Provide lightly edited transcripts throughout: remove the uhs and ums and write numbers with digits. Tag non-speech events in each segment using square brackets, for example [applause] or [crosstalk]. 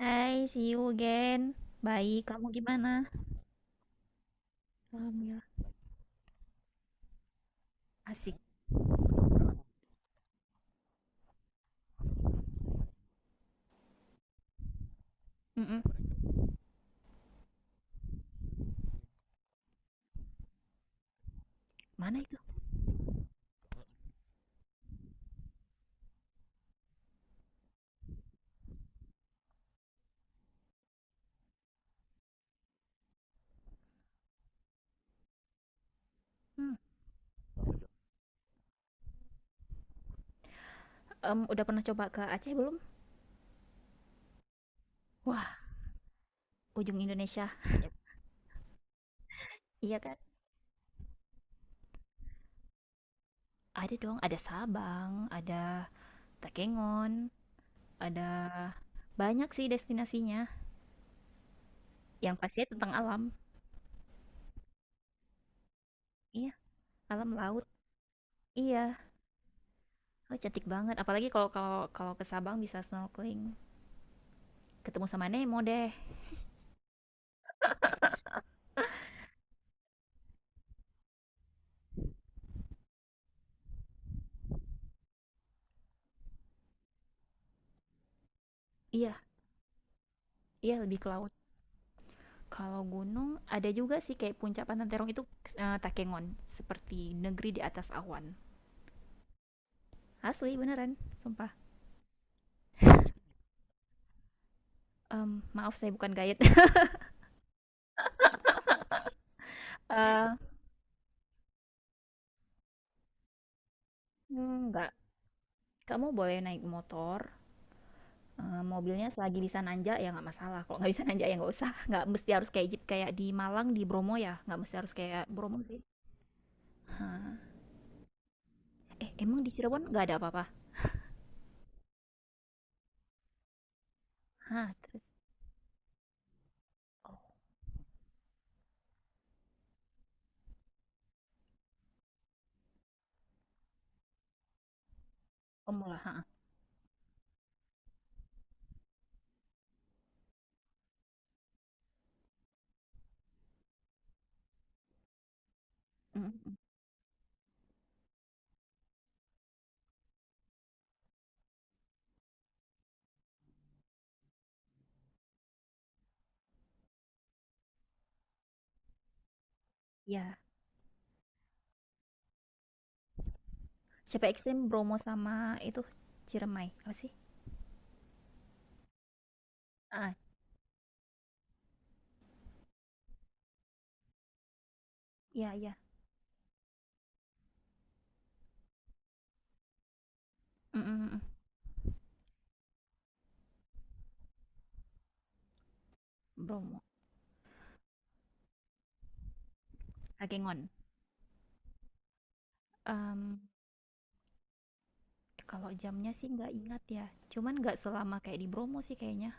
Hai, see you again. Baik, kamu gimana? Alhamdulillah, asik. Mm-mm. Mana itu? Hmm. Udah pernah coba ke Aceh belum? Wah, ujung Indonesia. Iya kan? Ada dong, ada Sabang, ada Takengon, ada banyak sih destinasinya. Yang pastinya tentang alam. Iya, alam laut. Iya, oh, cantik banget. Apalagi kalau kalau kalau ke Sabang bisa snorkeling, ketemu sama Nemo deh. Iya, iya lebih ke laut. Kalau gunung ada juga sih kayak puncak Pantan Terong itu Takengon, seperti negeri di atas awan. Asli beneran, sumpah. Maaf saya bukan guide. [laughs] Eh, enggak. Kamu boleh naik motor, eh, mobilnya selagi bisa nanjak ya nggak masalah. Kalau nggak bisa nanjak ya nggak usah. [laughs] Nggak mesti harus kayak jeep kayak di Malang di Bromo ya. Nggak mesti harus kayak Bromo sih. Hah. Eh, emang di Cirebon nggak ada apa-apa? Hah, terus. Oh, pemula. Hah. Mm, mm, mm. Ya. Siapa ekstrim Bromo sama itu Ciremai apa sih? Ah, iya, iya. Mm-mm. Bromo. Kagengon. Em, Kalau jamnya sih nggak ingat ya. Cuman nggak selama kayak di Bromo sih kayaknya.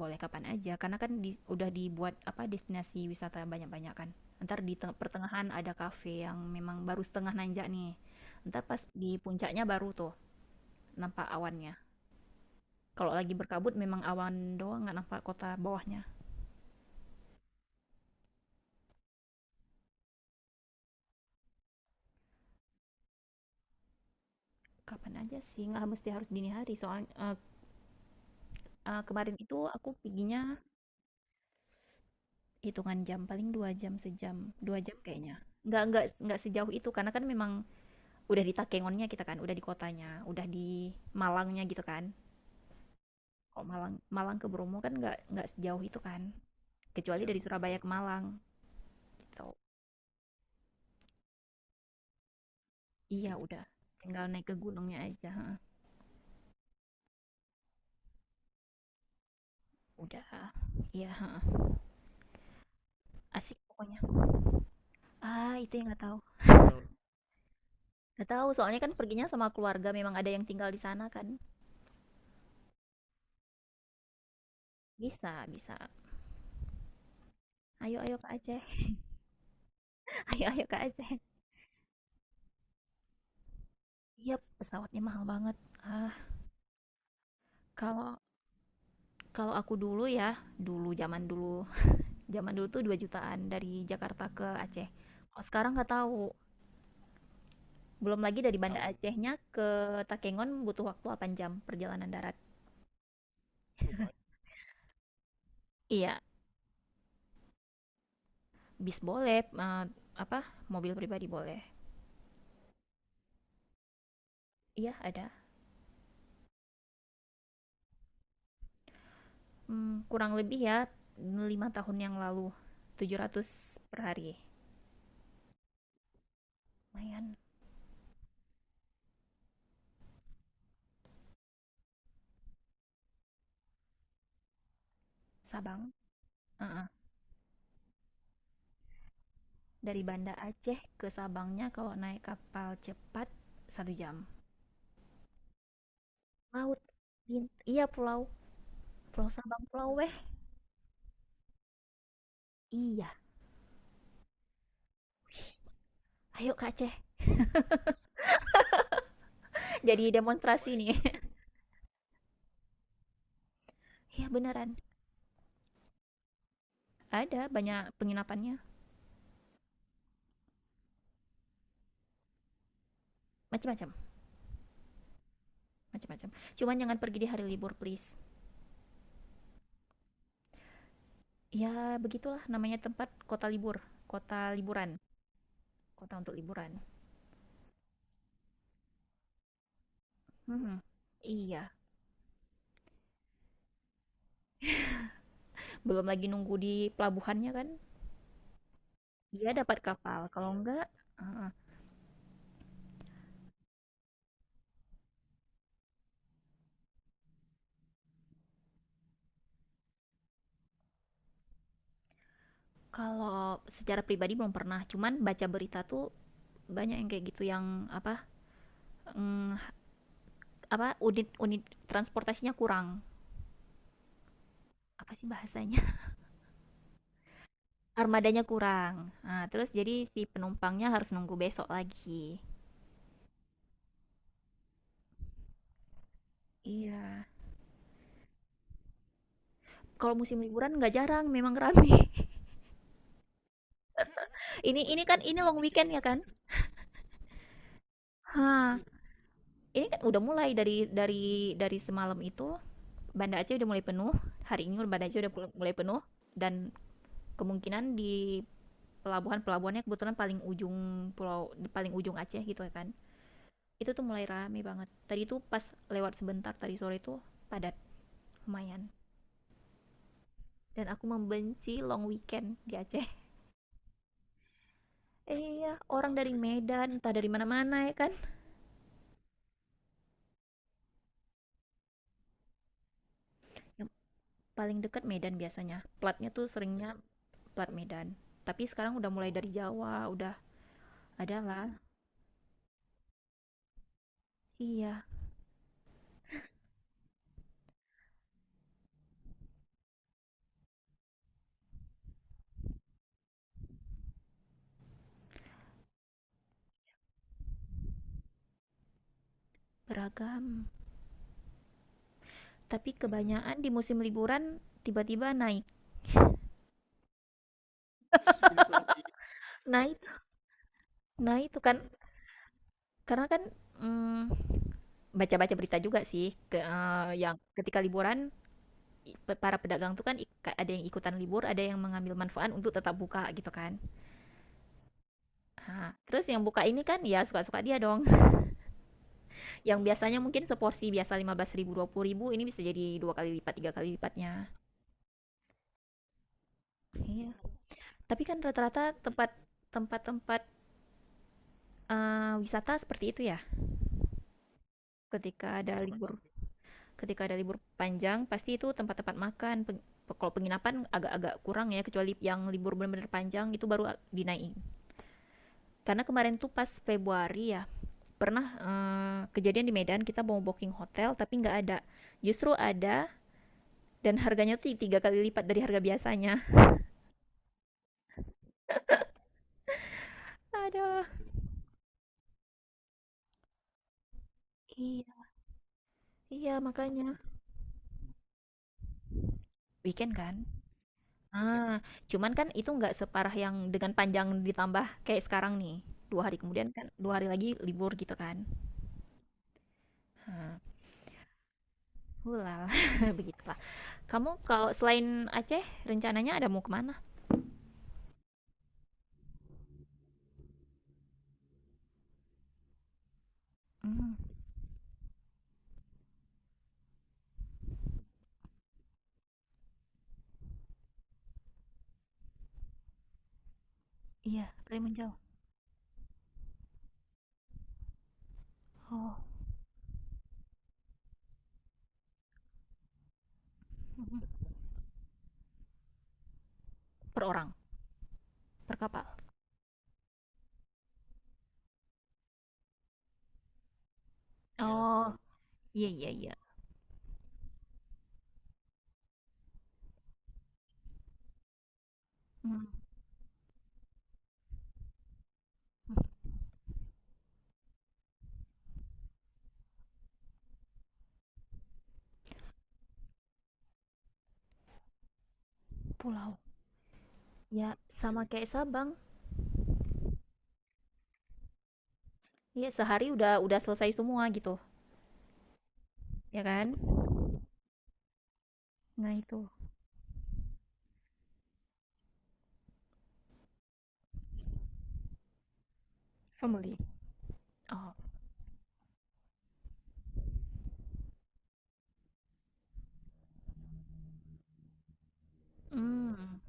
Boleh kapan aja, karena kan udah dibuat apa destinasi wisata banyak-banyak kan. Ntar di pertengahan ada kafe yang memang baru setengah nanjak nih. Ntar pas di puncaknya baru tuh nampak awannya. Kalau lagi berkabut memang awan doang nggak nampak kota bawahnya. Kapan aja sih, nggak mesti harus dini hari. Soalnya kemarin itu aku perginya hitungan jam paling 2 jam sejam 2 jam kayaknya nggak sejauh itu karena kan memang udah di Takengonnya, kita kan udah di kotanya, udah di Malangnya gitu kan. Kalau Malang Malang ke Bromo kan nggak sejauh itu kan, kecuali dari Surabaya ke Malang gitu. Iya, udah, tinggal naik ke gunungnya aja, ha. Udah, iya, ha. Asik pokoknya. Ah, itu yang nggak tahu. [laughs] Nggak tahu, soalnya kan perginya sama keluarga, memang ada yang tinggal di sana kan. Bisa, bisa. Ayo, ayo ke Aceh. [laughs] Ayo, ayo ke Aceh. Iya, pesawatnya mahal banget. Ah, kalau kalau aku dulu ya, dulu zaman dulu, [laughs] zaman dulu tuh 2 jutaan dari Jakarta ke Aceh. Kalau sekarang nggak tahu. Belum lagi dari Banda Acehnya ke Takengon butuh waktu 8 jam perjalanan darat. Iya, bis boleh, apa, mobil pribadi boleh. Iya, ada. Hmm, kurang lebih ya 5 tahun yang lalu, 700 per hari. Lumayan. Sabang. Dari Banda Aceh ke Sabangnya kalau naik kapal cepat 1 jam. Laut. Iya, pulau. Pulau Sabang, Pulau Weh. Iya. Ayo Kak Aceh. Jadi demonstrasi nih. Iya, [laughs] beneran. Ada banyak penginapannya. Macam-macam. Macam-macam. Cuman jangan pergi di hari libur, please. Ya begitulah namanya tempat kota libur. Kota liburan. Kota untuk liburan. Mhm. Iya. Belum lagi nunggu di pelabuhannya kan. Iya, dapat kapal. Kalau enggak. Kalau secara pribadi belum pernah, cuman baca berita tuh banyak yang kayak gitu, yang apa, mm, apa unit-unit transportasinya kurang. Apa sih bahasanya? [laughs] Armadanya kurang. Nah, terus jadi si penumpangnya harus nunggu besok lagi. Iya. Kalau musim liburan nggak jarang memang rame. [laughs] Ini kan ini long weekend ya kan? Ini kan udah mulai dari semalam itu Banda Aceh udah mulai penuh. Hari ini Banda Aceh udah mulai penuh, dan kemungkinan di pelabuhan-pelabuhannya, kebetulan paling ujung, pulau paling ujung Aceh gitu ya kan, itu tuh mulai rame banget. Tadi tuh pas lewat sebentar, tadi sore tuh padat lumayan. Dan aku membenci long weekend di Aceh. Iya, [laughs] orang dari Medan entah dari mana-mana ya kan. Yang paling dekat Medan, biasanya platnya tuh seringnya plat Medan, tapi sekarang udah mulai dari Jawa udah ada lah. Iya, beragam, tapi kebanyakan di musim liburan tiba-tiba naik, naik, naik tuh kan. Karena kan mm, baca-baca berita juga sih ke yang ketika liburan para pedagang tuh kan ada yang ikutan libur, ada yang mengambil manfaat untuk tetap buka gitu kan. Nah, terus yang buka ini kan ya suka-suka dia dong. [laughs] Yang biasanya mungkin seporsi biasa 15 ribu 20 ribu, ini bisa jadi 2 kali lipat, 3 kali lipatnya. Iya. Tapi kan rata-rata tempat-tempat wisata seperti itu ya, ketika ada libur. Ketika ada libur panjang pasti itu tempat-tempat makan, kalau penginapan agak-agak kurang ya, kecuali yang libur benar-benar panjang itu baru dinaikin. Karena kemarin tuh pas Februari ya, pernah kejadian di Medan kita mau booking hotel tapi nggak ada, justru ada, dan harganya tuh 3 kali lipat dari harga biasanya. Ada. Iya, iya, makanya. Weekend kan. Ah, cuman kan itu nggak separah yang dengan panjang ditambah kayak sekarang nih, 2 hari kemudian kan 2 hari lagi libur gitu kan. Ulala. [laughs] Begitulah. Kamu kalau selain Aceh, rencananya ada mau kemana? Hmm, iya, dari menjauh. Oh, mhm. Per orang, per kapal. Ya. Oh, iya, iya, iya. Hmm, pulau. Ya, sama kayak Sabang. Ya, sehari udah selesai semua gitu, ya kan? Nah itu family. Oh, hmm,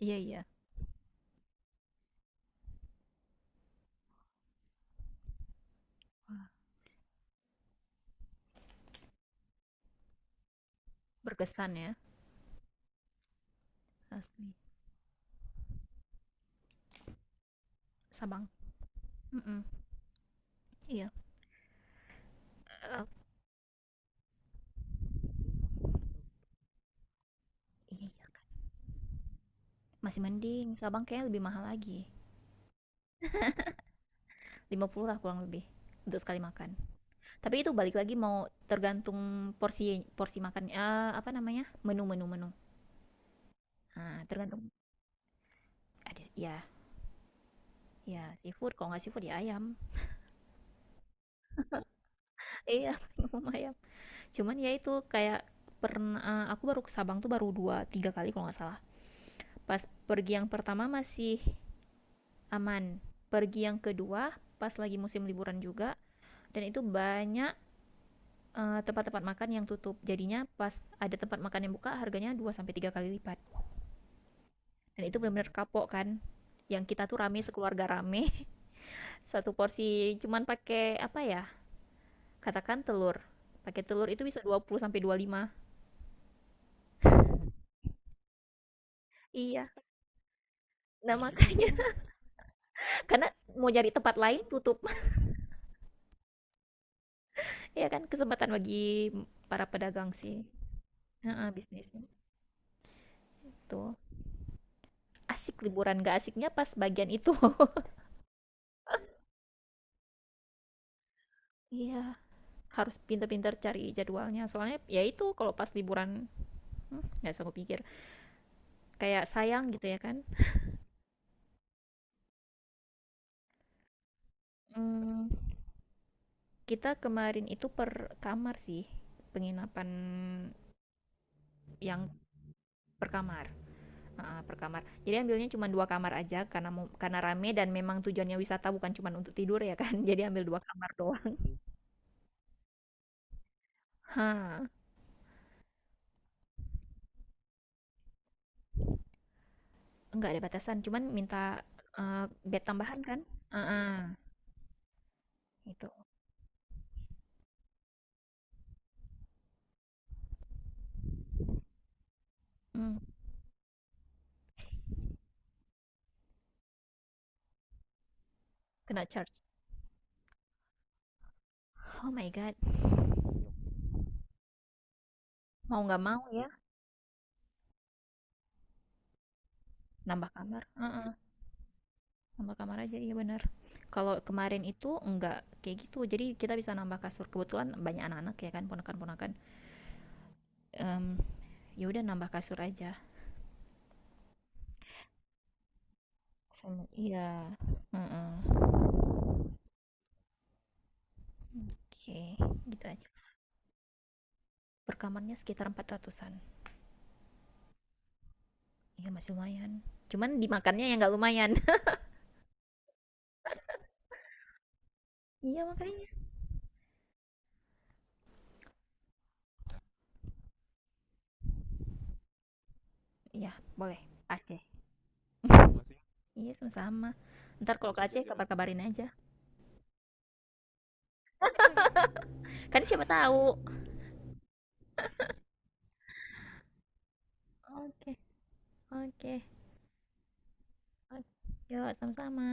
iya, iya, berkesan ya, asli. Sabang. Mm-mm. Iya. Eh, iya, iya. Masih mending Sabang kayaknya lebih mahal lagi. 50 lah kurang lebih untuk sekali makan. Tapi itu balik lagi mau tergantung porsi porsi makan, apa namanya? Menu-menu, menu, menu. Nah, tergantung ada ya, ya seafood, kalau nggak seafood ya ayam. [laughs] Iya, minum ayam. Cuman ya itu kayak, pernah aku baru ke Sabang tuh baru dua tiga kali kalau nggak salah. Pas pergi yang pertama masih aman. Pergi yang kedua pas lagi musim liburan juga, dan itu banyak tempat-tempat makan yang tutup. Jadinya pas ada tempat makan yang buka harganya 2 sampai 3 kali lipat. Dan itu benar-benar kapok kan. Yang kita tuh rame sekeluarga, rame. [laughs] Satu porsi cuman pakai apa ya? Katakan telur. Pakai telur itu bisa 20 sampai 25. Iya. Nah, makanya, [laughs] karena mau cari tempat lain tutup. [laughs] Ya kan kesempatan bagi para pedagang sih. Heeh, bisnisnya. Tuh. Asik liburan gak asiknya pas bagian itu. [laughs] Iya, harus pinter-pinter cari jadwalnya. Soalnya ya itu kalau pas liburan, nggak sanggup pikir. Kayak sayang gitu ya kan. Hmm, kita kemarin itu per kamar sih, penginapan yang per kamar. Ah, per kamar jadi ambilnya cuma dua kamar aja, karena mau, karena rame, dan memang tujuannya wisata bukan cuma untuk tidur ya kan. [laughs] Jadi ambil dua kamar doang. [laughs] Hah, nggak ada batasan, cuman minta eh, bed tambahan kan. Heeh, gitu. Hmm, kena charge, oh my god. Mau nggak mau ya nambah kamar. Ah, nambah kamar aja, iya benar. Kalau kemarin itu nggak kayak gitu, jadi kita bisa nambah kasur, kebetulan banyak anak-anak ya kan, ponakan-ponakan. Em, Ya udah nambah kasur aja. Iya. Mm-mm. Oke, gitu aja. Perkamarnya sekitar 400-an. Iya, masih lumayan, cuman dimakannya yang nggak lumayan. [laughs] Iya, makanya. Iya, boleh. Aceh. [laughs] Iya, sama-sama. Ntar kalau ke Aceh kabar-kabarin aja, kan siapa tahu. Oke. Oke. Oke. Yuk, sama-sama.